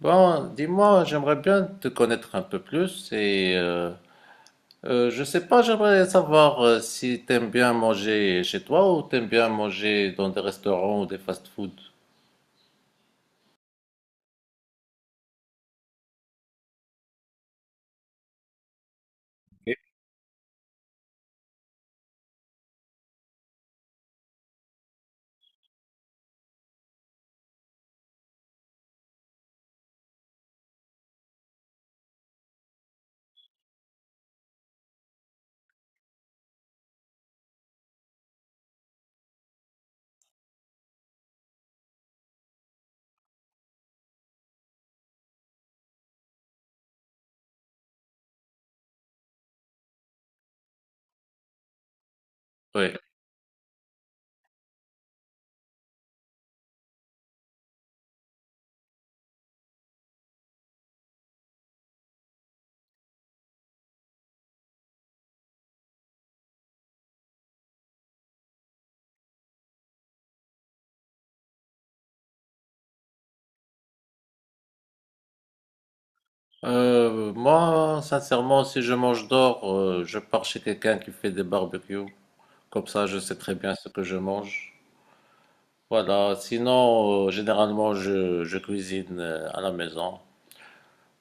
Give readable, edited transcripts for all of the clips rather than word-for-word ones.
Bon, dis-moi, j'aimerais bien te connaître un peu plus et je sais pas, j'aimerais savoir, si t'aimes bien manger chez toi ou t'aimes bien manger dans des restaurants ou des fast-food. Ok. Oui. Moi, sincèrement, si je mange dehors, je pars chez quelqu'un qui fait des barbecues. Comme ça, je sais très bien ce que je mange. Voilà. Sinon, généralement, je cuisine à la maison.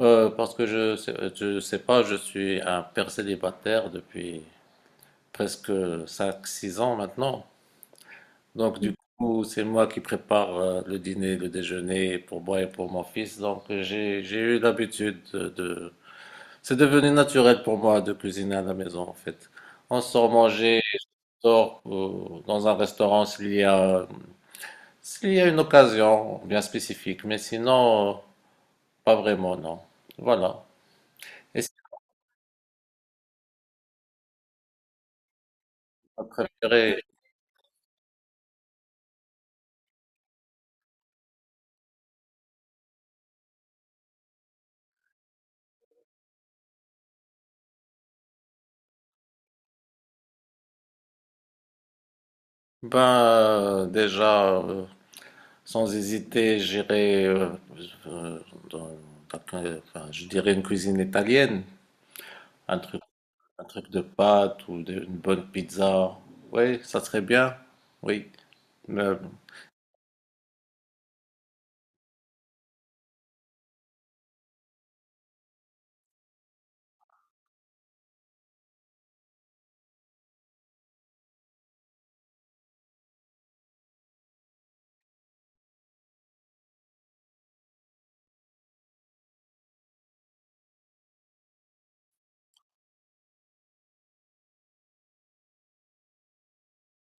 Parce que je sais pas, je suis un père célibataire depuis presque cinq six ans maintenant. Donc, du coup, c'est moi qui prépare, le dîner, le déjeuner pour moi et pour mon fils. Donc, j'ai eu l'habitude C'est devenu naturel pour moi de cuisiner à la maison, en fait. On sort manger, on sort dans un restaurant s'il y a une occasion bien spécifique. Mais sinon, pas vraiment, non. Voilà. Et c'est ma préférée. Ben, euh, déjà, euh, sans hésiter, j'irai, euh, enfin, je dirais une cuisine italienne, un truc, un truc de pâtes une bonne pizza. Oui, ça serait bien. Oui, mais,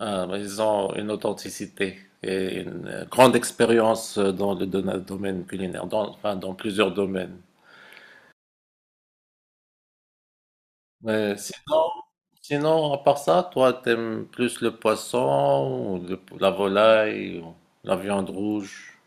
mais ils ont une authenticité et une, grande expérience, dans le domaine culinaire, dans, enfin, dans plusieurs domaines. Mais sinon, sinon, à part ça, toi, t'aimes plus le poisson ou la volaille ou la viande rouge?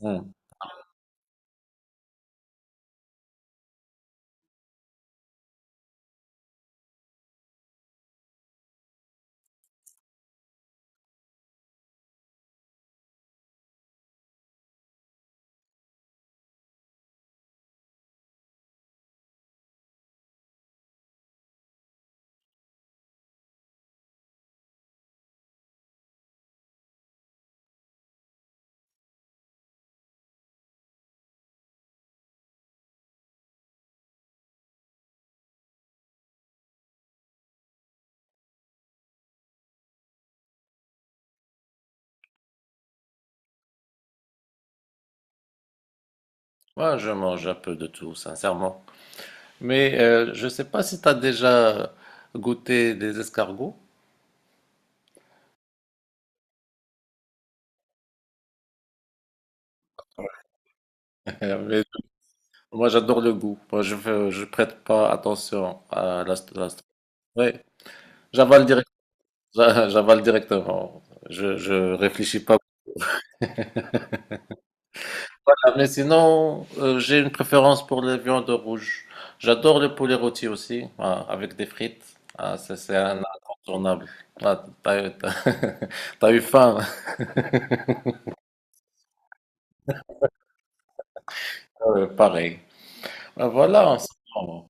Hmm. Moi, je mange un peu de tout, sincèrement. Mais je sais pas si tu as déjà goûté des escargots. Mais moi, j'adore le goût. Moi, je prête pas attention à Ouais, j'avale direct, j'avale directement. Je réfléchis pas. Voilà. Mais sinon, j'ai une préférence pour les viandes rouges. J'adore le poulet rôti aussi, ah, avec des frites. Ah, ça, c'est un incontournable. Ah, t'as, eu t'as- t'as eu faim, pareil. Ah, voilà, en ce moment.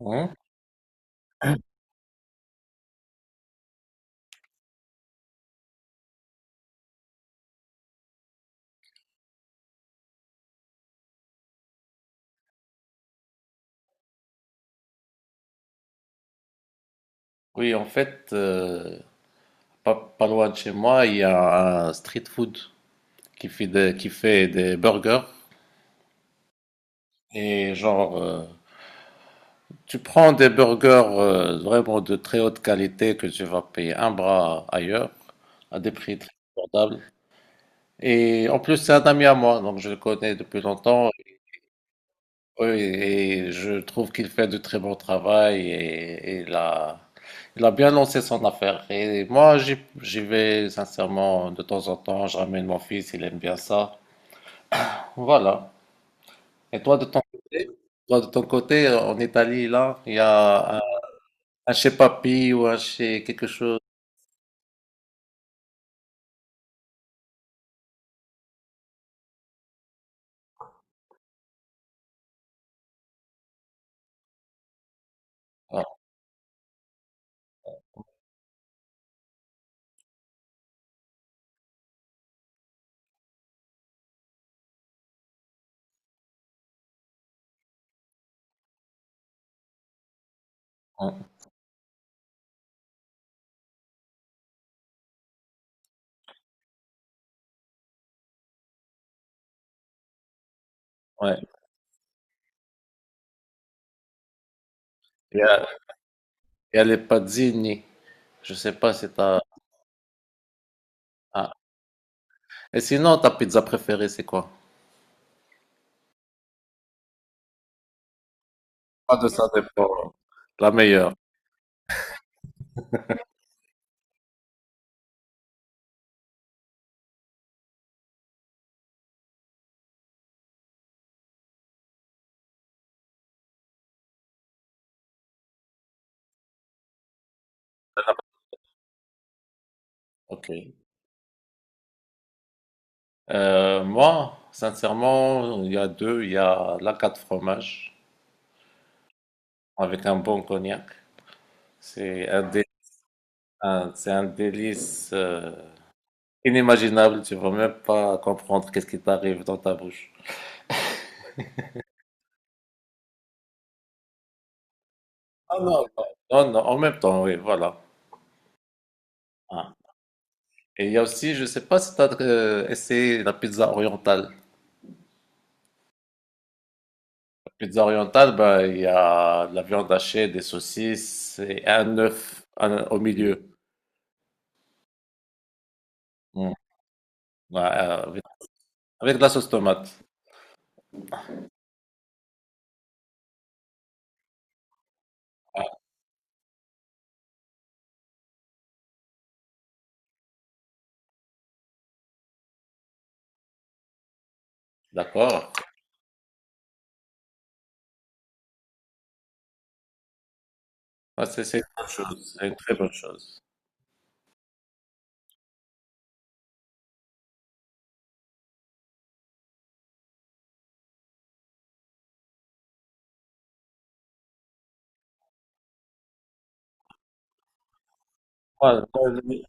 Hein. Oui, en fait, pas, pas loin de chez moi, il y a un street food qui fait des burgers. Et genre, tu prends des burgers, vraiment de très haute qualité que tu vas payer un bras ailleurs, à des prix très abordables. Et en plus, c'est un ami à moi, donc je le connais depuis longtemps. Oui, et je trouve qu'il fait de très bon travail et, il a bien lancé son affaire. Et moi, j'y vais sincèrement de temps en temps, je ramène mon fils, il aime bien ça. Voilà. Et toi de ton côté, toi de ton côté, en Italie, là, il y a un chez Papi ou un chez quelque chose. Ah, ah, ouais. Il y a, il y a les pazzini. Je sais pas si t'as. Ah. Et sinon, ta pizza préférée, c'est quoi? Pas de ça dépend. La meilleure. Ok. Moi, sincèrement, il y a deux. Il y a la quatre fromages avec un bon cognac. C'est un, dé- c'est un délice, inimaginable. Tu vas même pas comprendre qu'est-ce qui t'arrive dans ta bouche. Ah non, non, non, en même temps, oui, voilà. Ah. Et il y a aussi, je sais pas si tu as essayé la pizza orientale. La pizza orientale, ben, il y a de la viande hachée, des saucisses et un œuf au milieu. Mm. Ouais, avec de la sauce tomate. D'accord. Ouais, c'est une bonne chose, c'est une très bonne chose. Moi, moi, les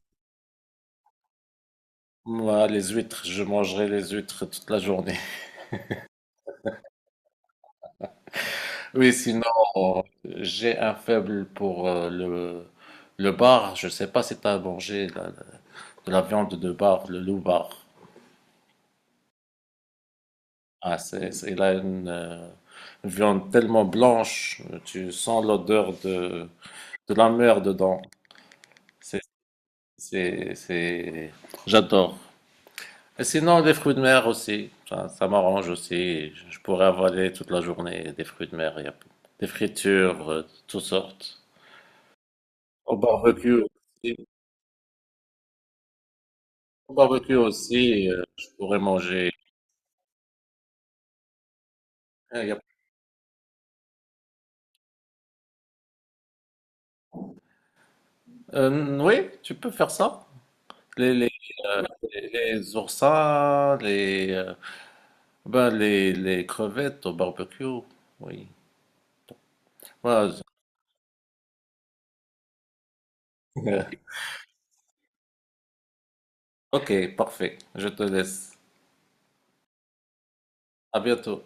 moi, les huîtres, je mangerai les huîtres toute la journée. Oui, sinon, j'ai un faible pour, le bar. Je sais pas si tu as mangé de la viande de bar, le loup bar. Ah, il a une, viande tellement blanche, tu sens l'odeur de la mer dedans. C'est, c'est, c'est... J'adore. Et sinon, des fruits de mer aussi. Ça m'arrange aussi. Je pourrais avaler toute la journée des fruits de mer. Il y a des fritures, de toutes sortes. Au barbecue aussi. Au barbecue aussi, je pourrais manger. Euh, il y a- oui, tu peux faire ça. Les, les, euh, les oursins, les crevettes au barbecue. Oui. Voilà, je- Ok, parfait. Je te laisse. À bientôt.